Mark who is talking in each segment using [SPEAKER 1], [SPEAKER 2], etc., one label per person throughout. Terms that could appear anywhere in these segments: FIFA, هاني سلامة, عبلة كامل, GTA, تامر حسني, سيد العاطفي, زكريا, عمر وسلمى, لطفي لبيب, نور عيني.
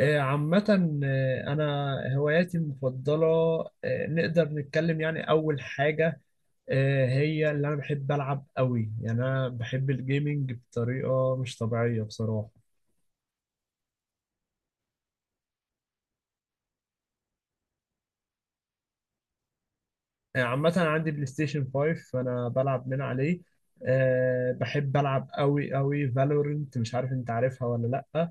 [SPEAKER 1] عامة. أنا هواياتي المفضلة. نقدر نتكلم يعني أول حاجة. هي اللي أنا بحب ألعب قوي، يعني أنا بحب الجيمنج بطريقة مش طبيعية بصراحة. عامة أنا عندي بلاي ستيشن 5 فأنا بلعب من عليه. بحب ألعب قوي قوي فالورنت، مش عارف أنت عارفها ولا لأ؟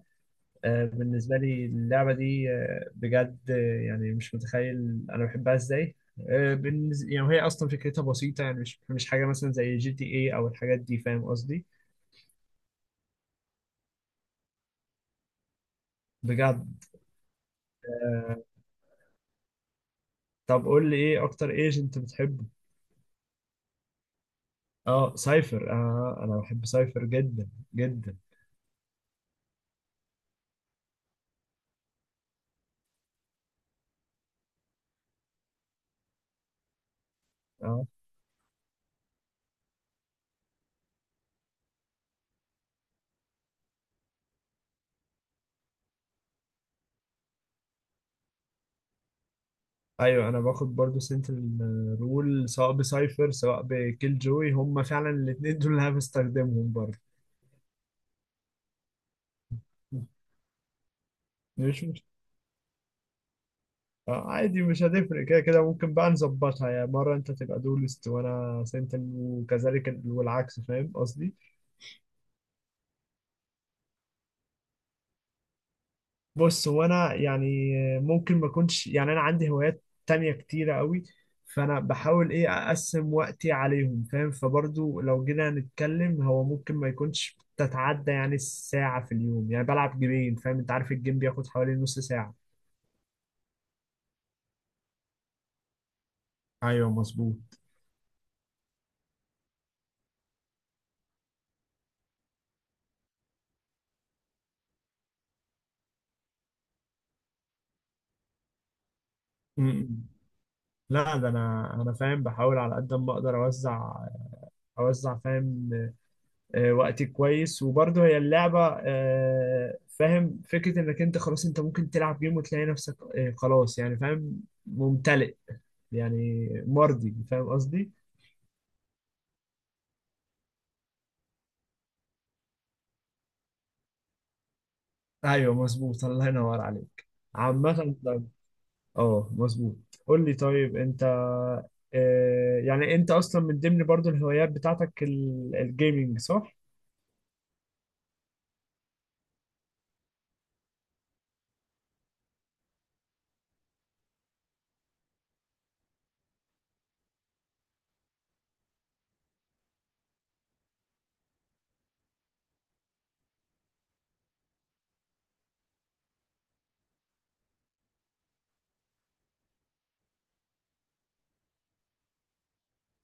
[SPEAKER 1] بالنسبة لي اللعبة دي بجد يعني مش متخيل أنا بحبها إزاي. يعني وهي أصلا فكرتها بسيطة، يعني مش حاجة مثلا زي جي تي إيه أو الحاجات دي، فاهم قصدي؟ بجد. آه، طب قول لي إيه أكتر ايجنت بتحبه؟ أه سايفر، أه أنا بحب سايفر جدا جدا. أه أيوه، أنا باخد برضو سنترال رول سواء بسايفر سواء بكيل جوي، هما فعلا الاتنين دول اللي أنا بستخدمهم برضو. مش عادي مش هتفرق كده كده، ممكن بقى نظبطها، يعني مرة انت تبقى دولست وانا سنتر وكذلك والعكس، فاهم قصدي؟ بص وانا يعني ممكن ما اكونش، يعني انا عندي هوايات تانية كتيرة قوي، فانا بحاول ايه اقسم وقتي عليهم فاهم، فبرضو لو جينا نتكلم هو ممكن ما يكونش تتعدى يعني الساعة في اليوم، يعني بلعب جيمين فاهم، انت عارف الجيم بياخد حوالي نص ساعة. ايوه مظبوط. م- م. لا ده انا فاهم، بحاول على قد ما اقدر اوزع فاهم وقتي كويس، وبرضه هي اللعبه فاهم فكره انك انت خلاص انت ممكن تلعب جيم وتلاقي نفسك خلاص يعني فاهم ممتلئ يعني مرضي، فاهم قصدي؟ ايوه مظبوط، الله ينور عليك. عامه طيب. اه مظبوط. قول لي طيب انت يعني انت اصلا من ضمن برضه الهوايات بتاعتك الجيمينج، صح؟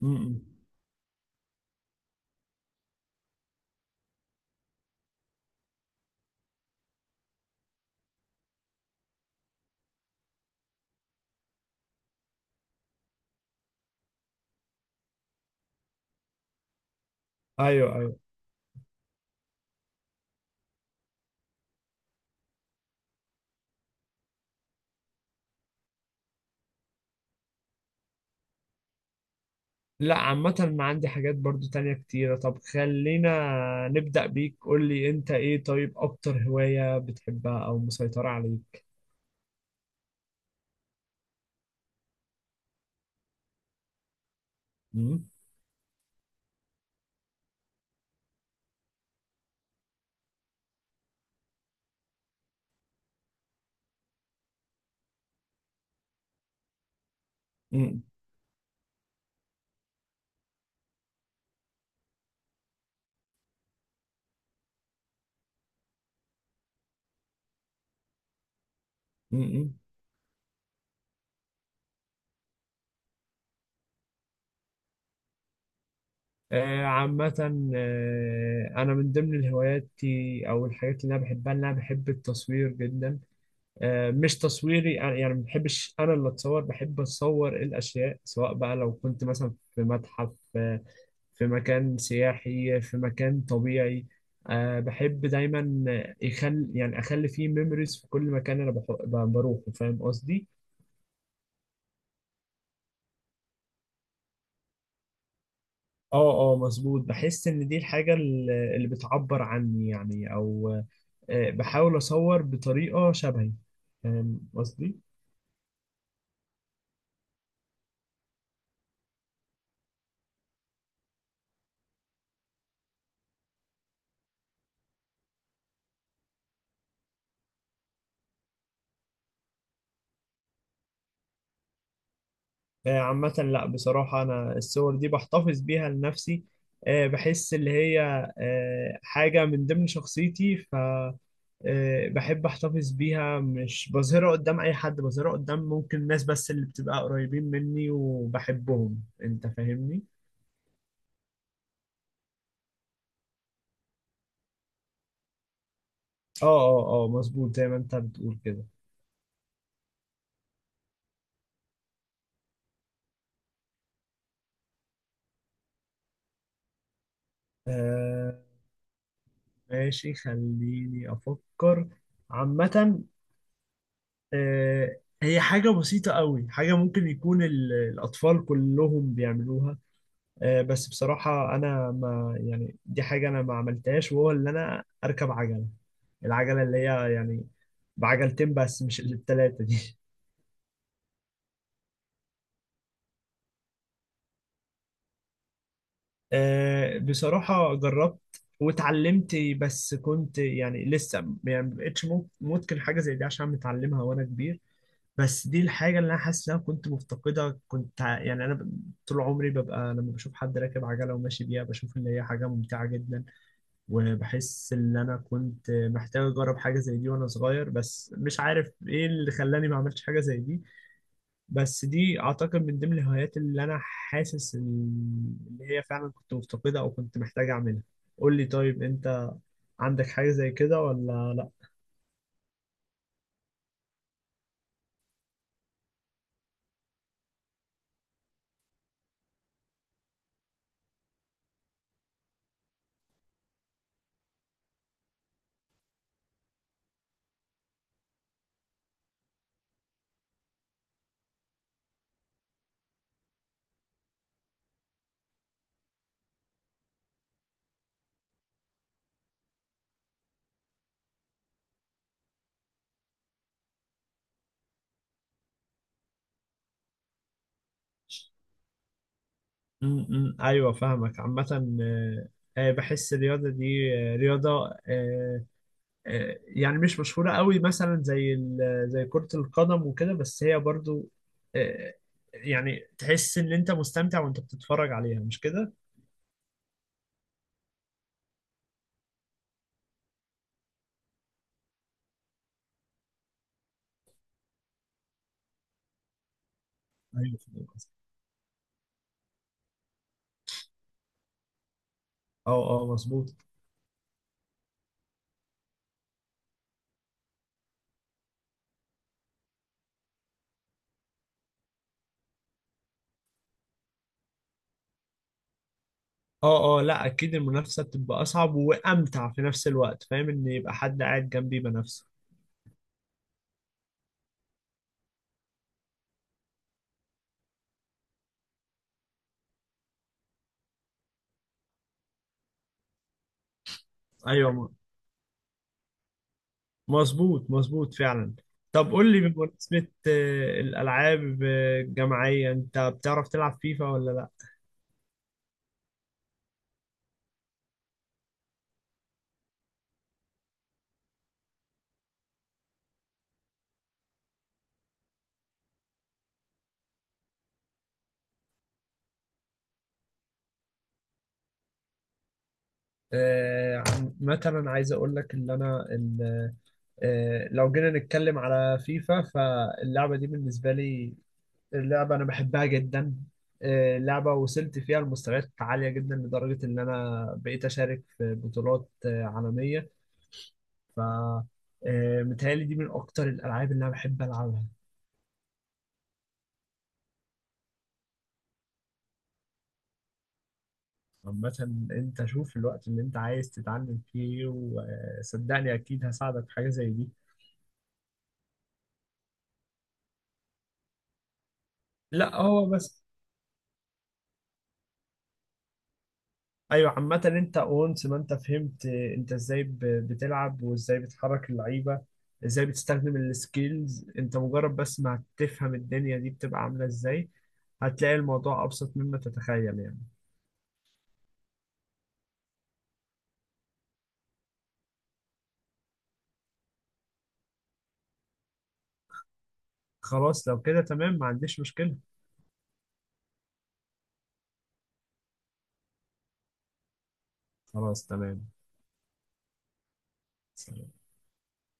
[SPEAKER 1] امم ايوه. لا عامة ما عندي حاجات برضو تانية كتيرة، طب خلينا نبدأ بيك، قول لي انت ايه طيب اكتر هواية بتحبها او مسيطرة عليك؟ مم؟ مم. مم. آه عامة، آه انا من ضمن الهوايات او الحاجات اللي انا بحبها ان انا بحب التصوير جدا. آه مش تصويري، يعني ما بحبش انا اللي اتصور، بحب اتصور الاشياء سواء بقى لو كنت مثلا في متحف في مكان سياحي في مكان طبيعي. أه بحب دايما يخل، يعني اخلي فيه ميموريز في كل مكان انا بروحه، فاهم قصدي؟ اه اه مظبوط، بحس ان دي الحاجة اللي بتعبر عني يعني، او أه بحاول اصور بطريقة شبهي، فاهم قصدي؟ عامة لا بصراحة أنا الصور دي بحتفظ بيها لنفسي. بحس اللي هي حاجة من ضمن شخصيتي ف بحب أحتفظ بيها مش بظهرها قدام أي حد، بظهرها قدام ممكن الناس بس اللي بتبقى قريبين مني وبحبهم، أنت فاهمني؟ اه اه اه مظبوط، زي ما أنت بتقول كده. آه، ماشي خليني أفكر. عامة هي حاجة بسيطة قوي، حاجة ممكن يكون الأطفال كلهم بيعملوها بس بصراحة أنا ما يعني دي حاجة أنا ما عملتهاش، وهو اللي أنا أركب عجلة، العجلة اللي هي يعني بعجلتين بس مش التلاتة دي. بصراحة جربت واتعلمت، بس كنت يعني لسه، يعني ما بقتش ممكن حاجة زي دي عشان متعلمها وأنا كبير. بس دي الحاجة اللي أنا حاسس إن أنا كنت مفتقدة، كنت يعني أنا طول عمري ببقى لما بشوف حد راكب عجلة وماشي بيها بشوف إن هي حاجة ممتعة جدا، وبحس ان انا كنت محتاج اجرب حاجه زي دي وانا صغير، بس مش عارف ايه اللي خلاني ما عملتش حاجه زي دي. بس دي اعتقد من ضمن الهوايات اللي انا حاسس ان إن هي فعلا كنت مفتقدها او كنت محتاج اعملها. قول لي طيب انت، عندك حاجه زي كده ولا لا؟ ايوه فاهمك. عامه آه، بحس الرياضه دي رياضه يعني مش مشهورة قوي مثلا زي زي كرة القدم وكده، بس هي برضو آه، يعني تحس ان انت مستمتع وانت بتتفرج عليها، مش كده؟ ايوه فاهم قصدك. اه اه مظبوط. اه اه لا اكيد المنافسة بتبقى اصعب وامتع في نفس الوقت، فاهم ان يبقى حد قاعد جنبي بنفسه. ايوه مظبوط فعلا. طب قول لي بمناسبة الالعاب الجماعية، انت بتعرف تلعب فيفا ولا لا؟ مثلا عايز اقول لك ان انا لو جينا نتكلم على فيفا فاللعبة دي بالنسبة لي، اللعبة أنا بحبها جدا. لعبة وصلت فيها لمستويات عالية جدا لدرجة إن أنا بقيت أشارك في بطولات عالمية ف متهيألي دي من أكتر الألعاب اللي أنا بحب ألعبها. عامة أنت شوف الوقت اللي أنت عايز تتعلم فيه، وصدقني أكيد هساعدك في حاجة زي دي. لا هو بس. ايوه عامة انت اونس ما انت فهمت انت ازاي بتلعب وازاي بتحرك اللعيبة، ازاي بتستخدم السكيلز، انت مجرد بس ما هتفهم الدنيا دي بتبقى عاملة ازاي، هتلاقي الموضوع ابسط مما تتخيل يعني. خلاص لو كده تمام، ما عنديش مشكلة. خلاص تمام. سلام.